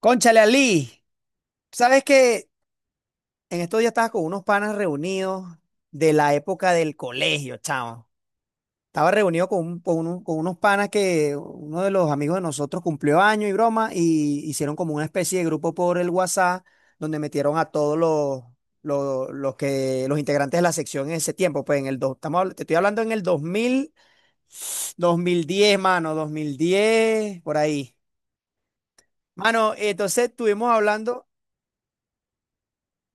Cónchale, Ali, sabes que en estos días estaba con unos panas reunidos de la época del colegio, chavo. Estaba reunido con, con unos panas. Que uno de los amigos de nosotros cumplió año y broma, y hicieron como una especie de grupo por el WhatsApp, donde metieron a todos los integrantes de la sección en ese tiempo. Pues en el dos, estamos, habl- te estoy hablando en el dos mil diez, mano, 2010 por ahí. Mano, entonces estuvimos hablando.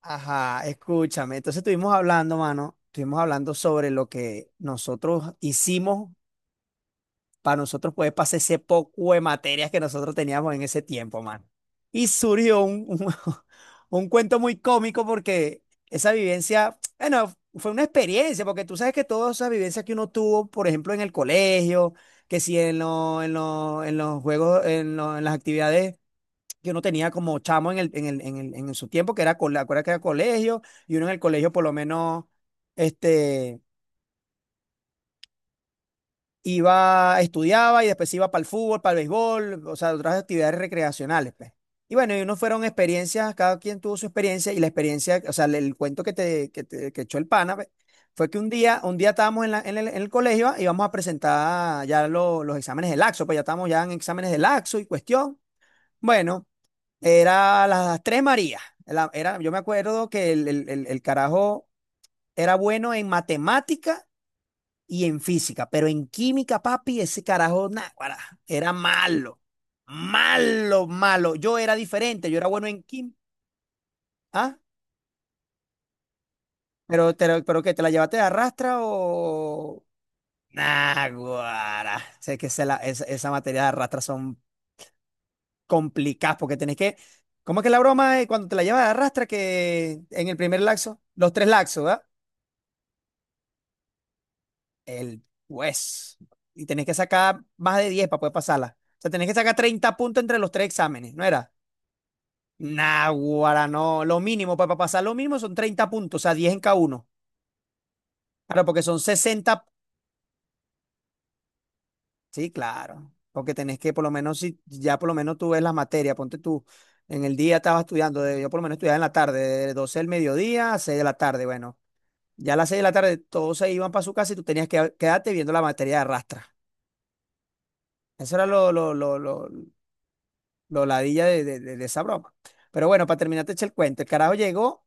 Ajá, escúchame. Entonces estuvimos hablando, mano, estuvimos hablando sobre lo que nosotros hicimos para nosotros poder pasar ese poco de materias que nosotros teníamos en ese tiempo, mano. Y surgió un cuento muy cómico, porque esa vivencia, bueno, fue una experiencia. Porque tú sabes que todas esas vivencias que uno tuvo, por ejemplo, en el colegio, que si en, en, en los juegos, en, en las actividades que uno tenía como chamo en el, en su tiempo, que era, acuérdate que era colegio, y uno en el colegio, por lo menos, este, iba, estudiaba y después iba para el fútbol, para el béisbol, o sea, otras actividades recreacionales, pues. Y bueno, y uno fueron experiencias, cada quien tuvo su experiencia, y la experiencia, o sea, el cuento que que echó el pana, pues, fue que un día estábamos en, en en el colegio y íbamos a presentar ya los exámenes del laxo. Pues ya estábamos ya en exámenes del laxo y cuestión. Bueno. Era las tres Marías. Yo me acuerdo que el carajo era bueno en matemática y en física, pero en química, papi, ese carajo, náguara, era malo. Malo, malo. Yo era diferente, yo era bueno en química. ¿Ah? Pero, pero ¿qué? ¿Te la llevaste de arrastra o...? Náguara. Sé que esa, esa materia de arrastra son complicadas, porque tenés que... ¿Cómo es que la broma es cuando te la llevas de arrastra que en el primer laxo? Los tres laxos, ¿verdad? El juez. Y tenés que sacar más de 10 para poder pasarla. O sea, tenés que sacar 30 puntos entre los tres exámenes, ¿no era? Naguará, no. Lo mínimo pues, para pasar lo mínimo son 30 puntos, o sea, 10 en cada uno. Claro, porque son 60. Sí, claro. Porque tenés que, por lo menos, si ya por lo menos tú ves las materias, ponte tú. En el día estaba estudiando, yo por lo menos estudiaba en la tarde, de 12 del mediodía a 6 de la tarde. Bueno, ya a las 6 de la tarde todos se iban para su casa y tú tenías que quedarte viendo la materia de arrastra. Eso era lo ladilla de esa broma. Pero bueno, para terminar, te eché el cuento. El carajo llegó,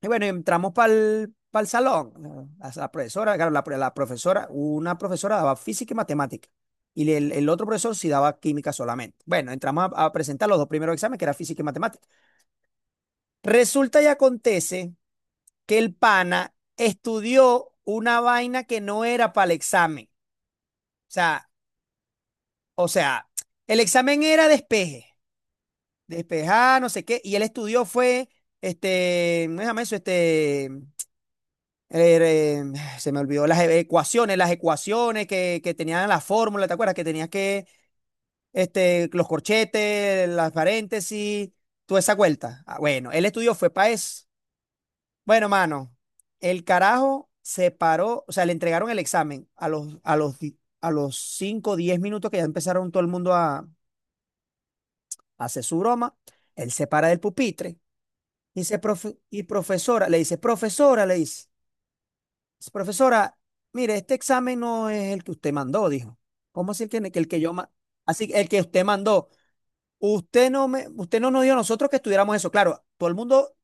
y bueno, entramos para el salón. La profesora, claro, la profesora, una profesora daba física y matemática. Y el otro profesor sí daba química solamente. Bueno, entramos a presentar los dos primeros exámenes, que era física y matemática. Resulta y acontece que el pana estudió una vaina que no era para el examen. O sea, o sea, el examen era despeje. Despejar, no sé qué. Y él estudió, fue, este, ¿cómo se llama eso? Este, eh, se me olvidó las ecuaciones, las ecuaciones que tenían la fórmula, ¿te acuerdas? Que tenías que, este, los corchetes, las paréntesis, toda esa vuelta. Ah, bueno, él estudió, fue para eso. Bueno, mano, el carajo se paró, o sea, le entregaron el examen a los 5 o 10 minutos, que ya empezaron todo el mundo a hacer su broma. Él se para del pupitre. Dice, profesora", le dice, "profesora", le dice, "profesora, mire, este examen no es el que usted mandó", dijo. "¿Cómo así que el que yo así el que usted mandó, usted no me, usted no nos dio a nosotros que estudiáramos eso". Claro, todo el mundo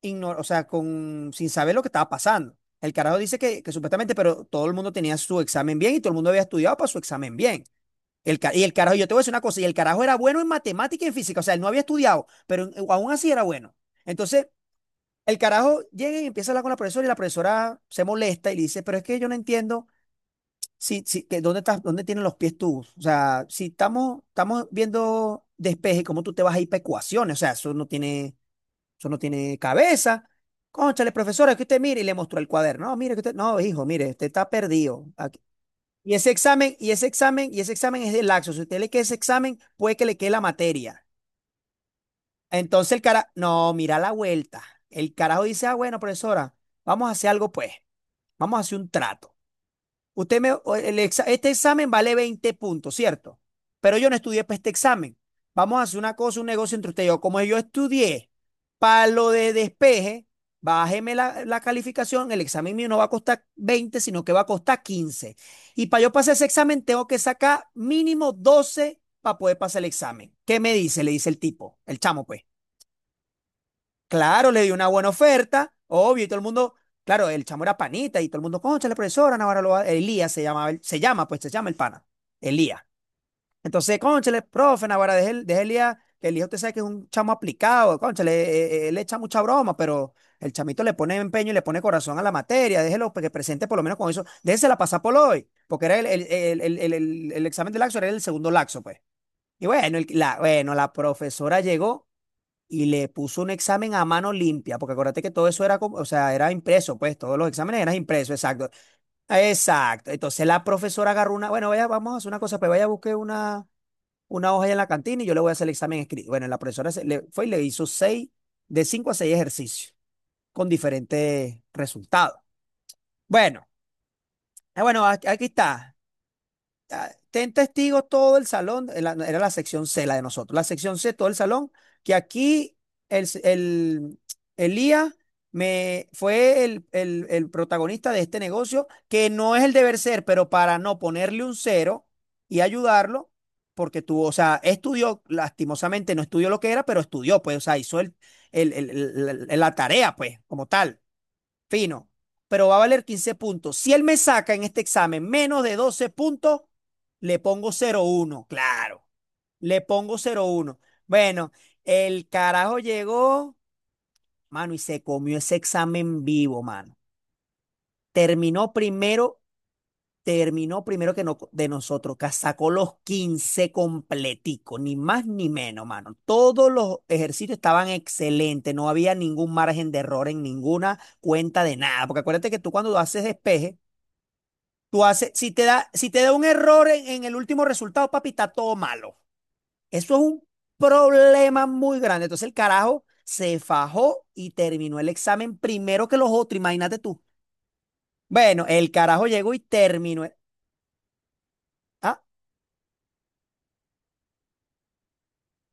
ignora, o sea, con, sin saber lo que estaba pasando. El carajo dice que supuestamente, pero todo el mundo tenía su examen bien y todo el mundo había estudiado para su examen bien. Y el carajo, yo te voy a decir una cosa, y el carajo era bueno en matemática y en física, o sea, él no había estudiado, pero aún así era bueno. Entonces, el carajo llega y empieza a hablar con la profesora, y la profesora se molesta y le dice, "pero es que yo no entiendo si, si, que dónde estás, dónde tienen los pies tú. O sea, si estamos, estamos viendo despeje, ¿cómo tú te vas a ir para ecuaciones? O sea, eso no tiene cabeza". "Cónchale, profesora, es que usted mire", y le mostró el cuaderno. "No, mire que usted, no, hijo, mire, usted está perdido. Aquí... Y ese examen, y ese examen, y ese examen es de laxo. Si usted le queda ese examen, puede que le quede la materia". Entonces el cara, no, mira la vuelta. El carajo dice, "ah, bueno, profesora, vamos a hacer algo pues, vamos a hacer un trato. Usted me, este examen vale 20 puntos, ¿cierto? Pero yo no estudié para este examen. Vamos a hacer una cosa, un negocio entre usted y yo. Como yo estudié para lo de despeje, bájeme la calificación. El examen mío no va a costar 20, sino que va a costar 15. Y para yo pasar ese examen tengo que sacar mínimo 12 para poder pasar el examen. ¿Qué me dice?", le dice el tipo, el chamo, pues. Claro, le dio una buena oferta, obvio. Y todo el mundo, claro, el chamo era panita, y todo el mundo, "cónchale, profesora, Navarra lo va-". Elías se llamaba, se llama, pues se llama el pana, Elías. Entonces, "cónchale, profe, Navarra, deje, deje Elías, que Elías usted sabe que es un chamo aplicado, cónchale, él, le echa mucha broma, pero el chamito le pone empeño y le pone corazón a la materia, déjelo pues, que presente por lo menos con eso, déjela pasar por hoy", porque era el examen de laxo, era el segundo laxo, pues. Y bueno, la profesora llegó y le puso un examen a mano limpia, porque acuérdate que todo eso era como, o sea, era impreso, pues todos los exámenes eran impresos, exacto. Exacto. Entonces la profesora agarró una, bueno, "vaya, vamos a hacer una cosa, pues vaya a buscar una hoja ahí en la cantina y yo le voy a hacer el examen escrito". Bueno, la profesora fue y le hizo 6, de 5 a 6 ejercicios con diferentes resultados. Bueno, ah, bueno, "aquí está. Ah, ten testigos todo el salón", era la sección C, la de nosotros, la sección C, todo el salón, "que aquí el, s- el, Elías me, fue el protagonista de este negocio, que no es el deber ser, pero para no ponerle un cero y ayudarlo, porque tuvo, o sea, estudió, lastimosamente no estudió lo que era, pero estudió, pues, o sea, hizo la tarea, pues, como tal. Fino, pero va a valer 15 puntos. Si él me saca en este examen menos de 12 puntos, le pongo cero uno". Claro. Le pongo cero uno. Bueno, el carajo llegó, mano, y se comió ese examen vivo, mano. Terminó primero, terminó primero que no, de nosotros, que sacó los 15 completico, ni más ni menos, mano. Todos los ejercicios estaban excelentes, no había ningún margen de error en ninguna cuenta de nada, porque acuérdate que tú cuando haces despeje, tú haces, si te da, si te da un error en el último resultado, papi, está todo malo. Eso es un problema muy grande. Entonces el carajo se fajó y terminó el examen primero que los otros, imagínate tú. Bueno, el carajo llegó y terminó. Ah,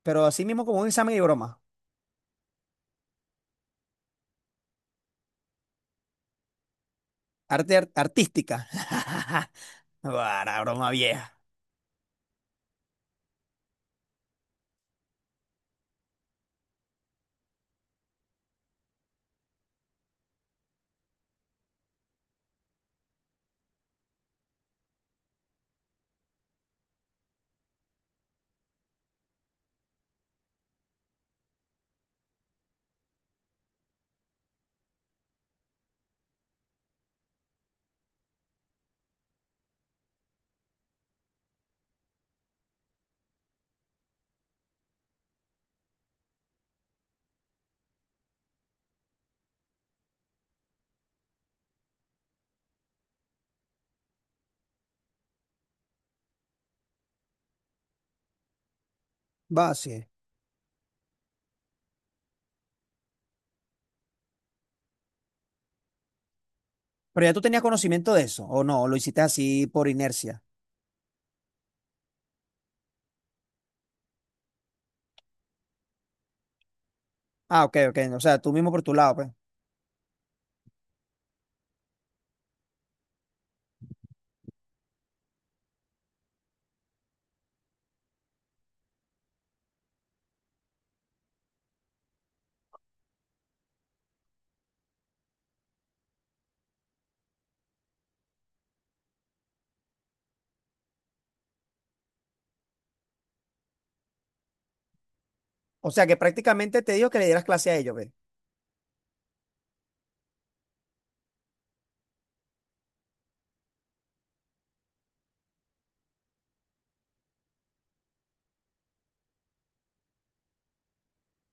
pero así mismo como un examen de broma. Artística. Para broma vieja. Va, sí. Pero ya tú tenías conocimiento de eso, ¿o no? ¿O lo hiciste así por inercia? Ah, ok, ok. O sea, tú mismo por tu lado, pues. O sea, que prácticamente te dijo que le dieras clase a ellos, pues.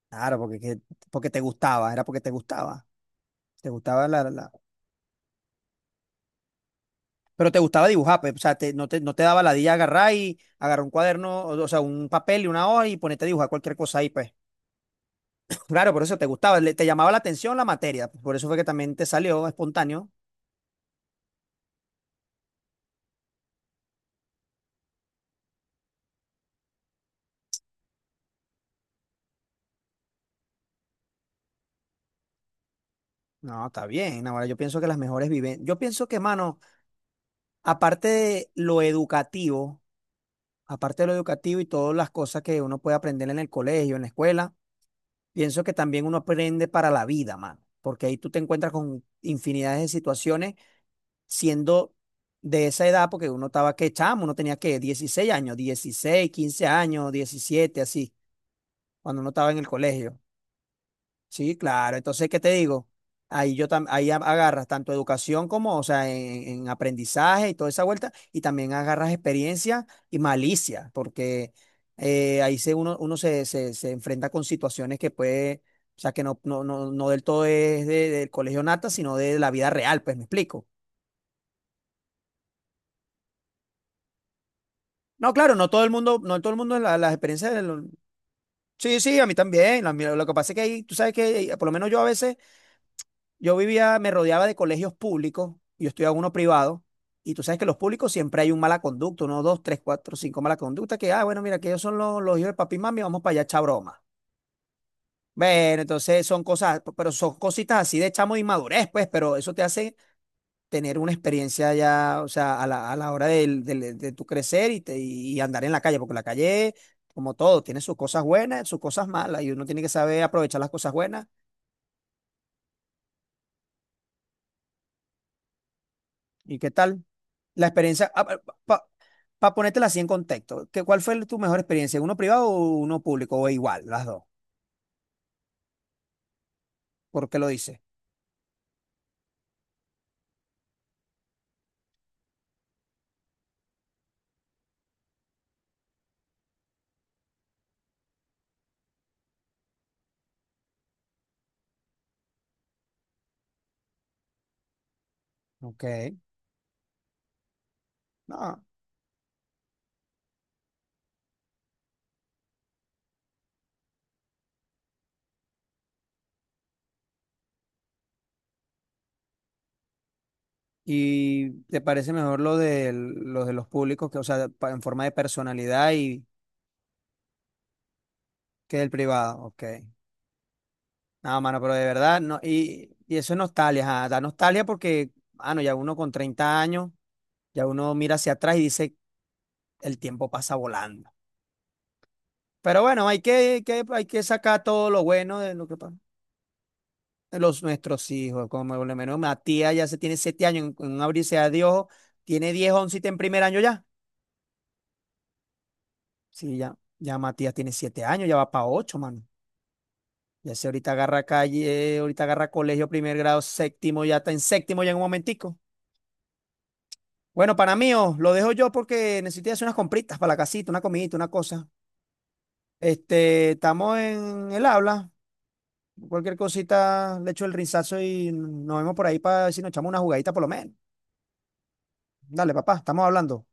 Claro, porque, porque te gustaba, era porque te gustaba. Te gustaba la, la- Pero te gustaba dibujar, pues, o sea, no te daba ladilla agarrar y agarrar un cuaderno, o sea, un papel y una hoja y ponerte a dibujar cualquier cosa ahí, pues. Claro, por eso te gustaba, te llamaba la atención la materia, pues, por eso fue que también te salió espontáneo. No, está bien, ahora yo pienso que las mejores viven. Yo pienso que, mano, aparte de lo educativo, aparte de lo educativo y todas las cosas que uno puede aprender en el colegio, en la escuela, pienso que también uno aprende para la vida, mano, porque ahí tú te encuentras con infinidades de situaciones siendo de esa edad, porque uno estaba que chamo, uno tenía que 16 años, 16 15 años, 17 así, cuando uno estaba en el colegio. Sí, claro. Entonces, ¿qué te digo? Ahí yo tam- ahí a- agarras tanto educación como, o sea, en aprendizaje y toda esa vuelta, y también agarras experiencia y malicia, porque ahí uno se enfrenta con situaciones que puede, o sea, que no del todo es del colegio nata, sino de la vida real, pues me explico. No, claro, no todo el mundo las experiencias. Sí, sí, a mí también. Lo que pasa es que ahí, tú sabes que por lo menos yo a veces. Yo vivía, me rodeaba de colegios públicos, yo estudiaba uno privado, y tú sabes que los públicos siempre hay un mala conducta, uno, dos, tres, cuatro, cinco mala conducta, que, ah, bueno, mira, que ellos son los hijos de papi y mami, vamos para allá a echar broma. Bueno, entonces son cosas, pero son cositas así de chamo de inmadurez, pues, pero eso te hace tener una experiencia ya, o sea, a la hora tu crecer y andar en la calle, porque la calle, como todo, tiene sus cosas buenas, sus cosas malas, y uno tiene que saber aprovechar las cosas buenas. ¿Y qué tal? La experiencia, pa- para ponértela así en contexto, ¿ cuál fue tu mejor experiencia? ¿Uno privado o uno público? ¿O igual, las dos? ¿Por qué lo dices? Ok, no. ¿Y te parece mejor lo de los públicos, que, o sea, en forma de personalidad y que del privado? Ok. No, mano, pero de verdad, no. Y eso es nostalgia, ajá, da nostalgia porque, mano, ya uno con 30 años, ya uno mira hacia atrás y dice, el tiempo pasa volando. Pero bueno, hay que sacar todo lo bueno de lo que pasa. Los nuestros hijos, como por lo menos Matías ya se tiene 7 años, en un abrirse a Dios, tiene 10 11 y está en primer año ya. Sí, ya, ya Matías tiene 7 años, ya va para 8, mano. Ya se ahorita agarra calle, ahorita agarra colegio, primer grado, séptimo, ya está en séptimo ya en un momentico. Bueno, para mí, oh, lo dejo yo porque necesito ir a hacer unas compritas para la casita, una comidita, una cosa. Este, estamos en el habla. Cualquier cosita, le echo el rizazo y nos vemos por ahí para si nos echamos una jugadita por lo menos. Dale, papá, estamos hablando.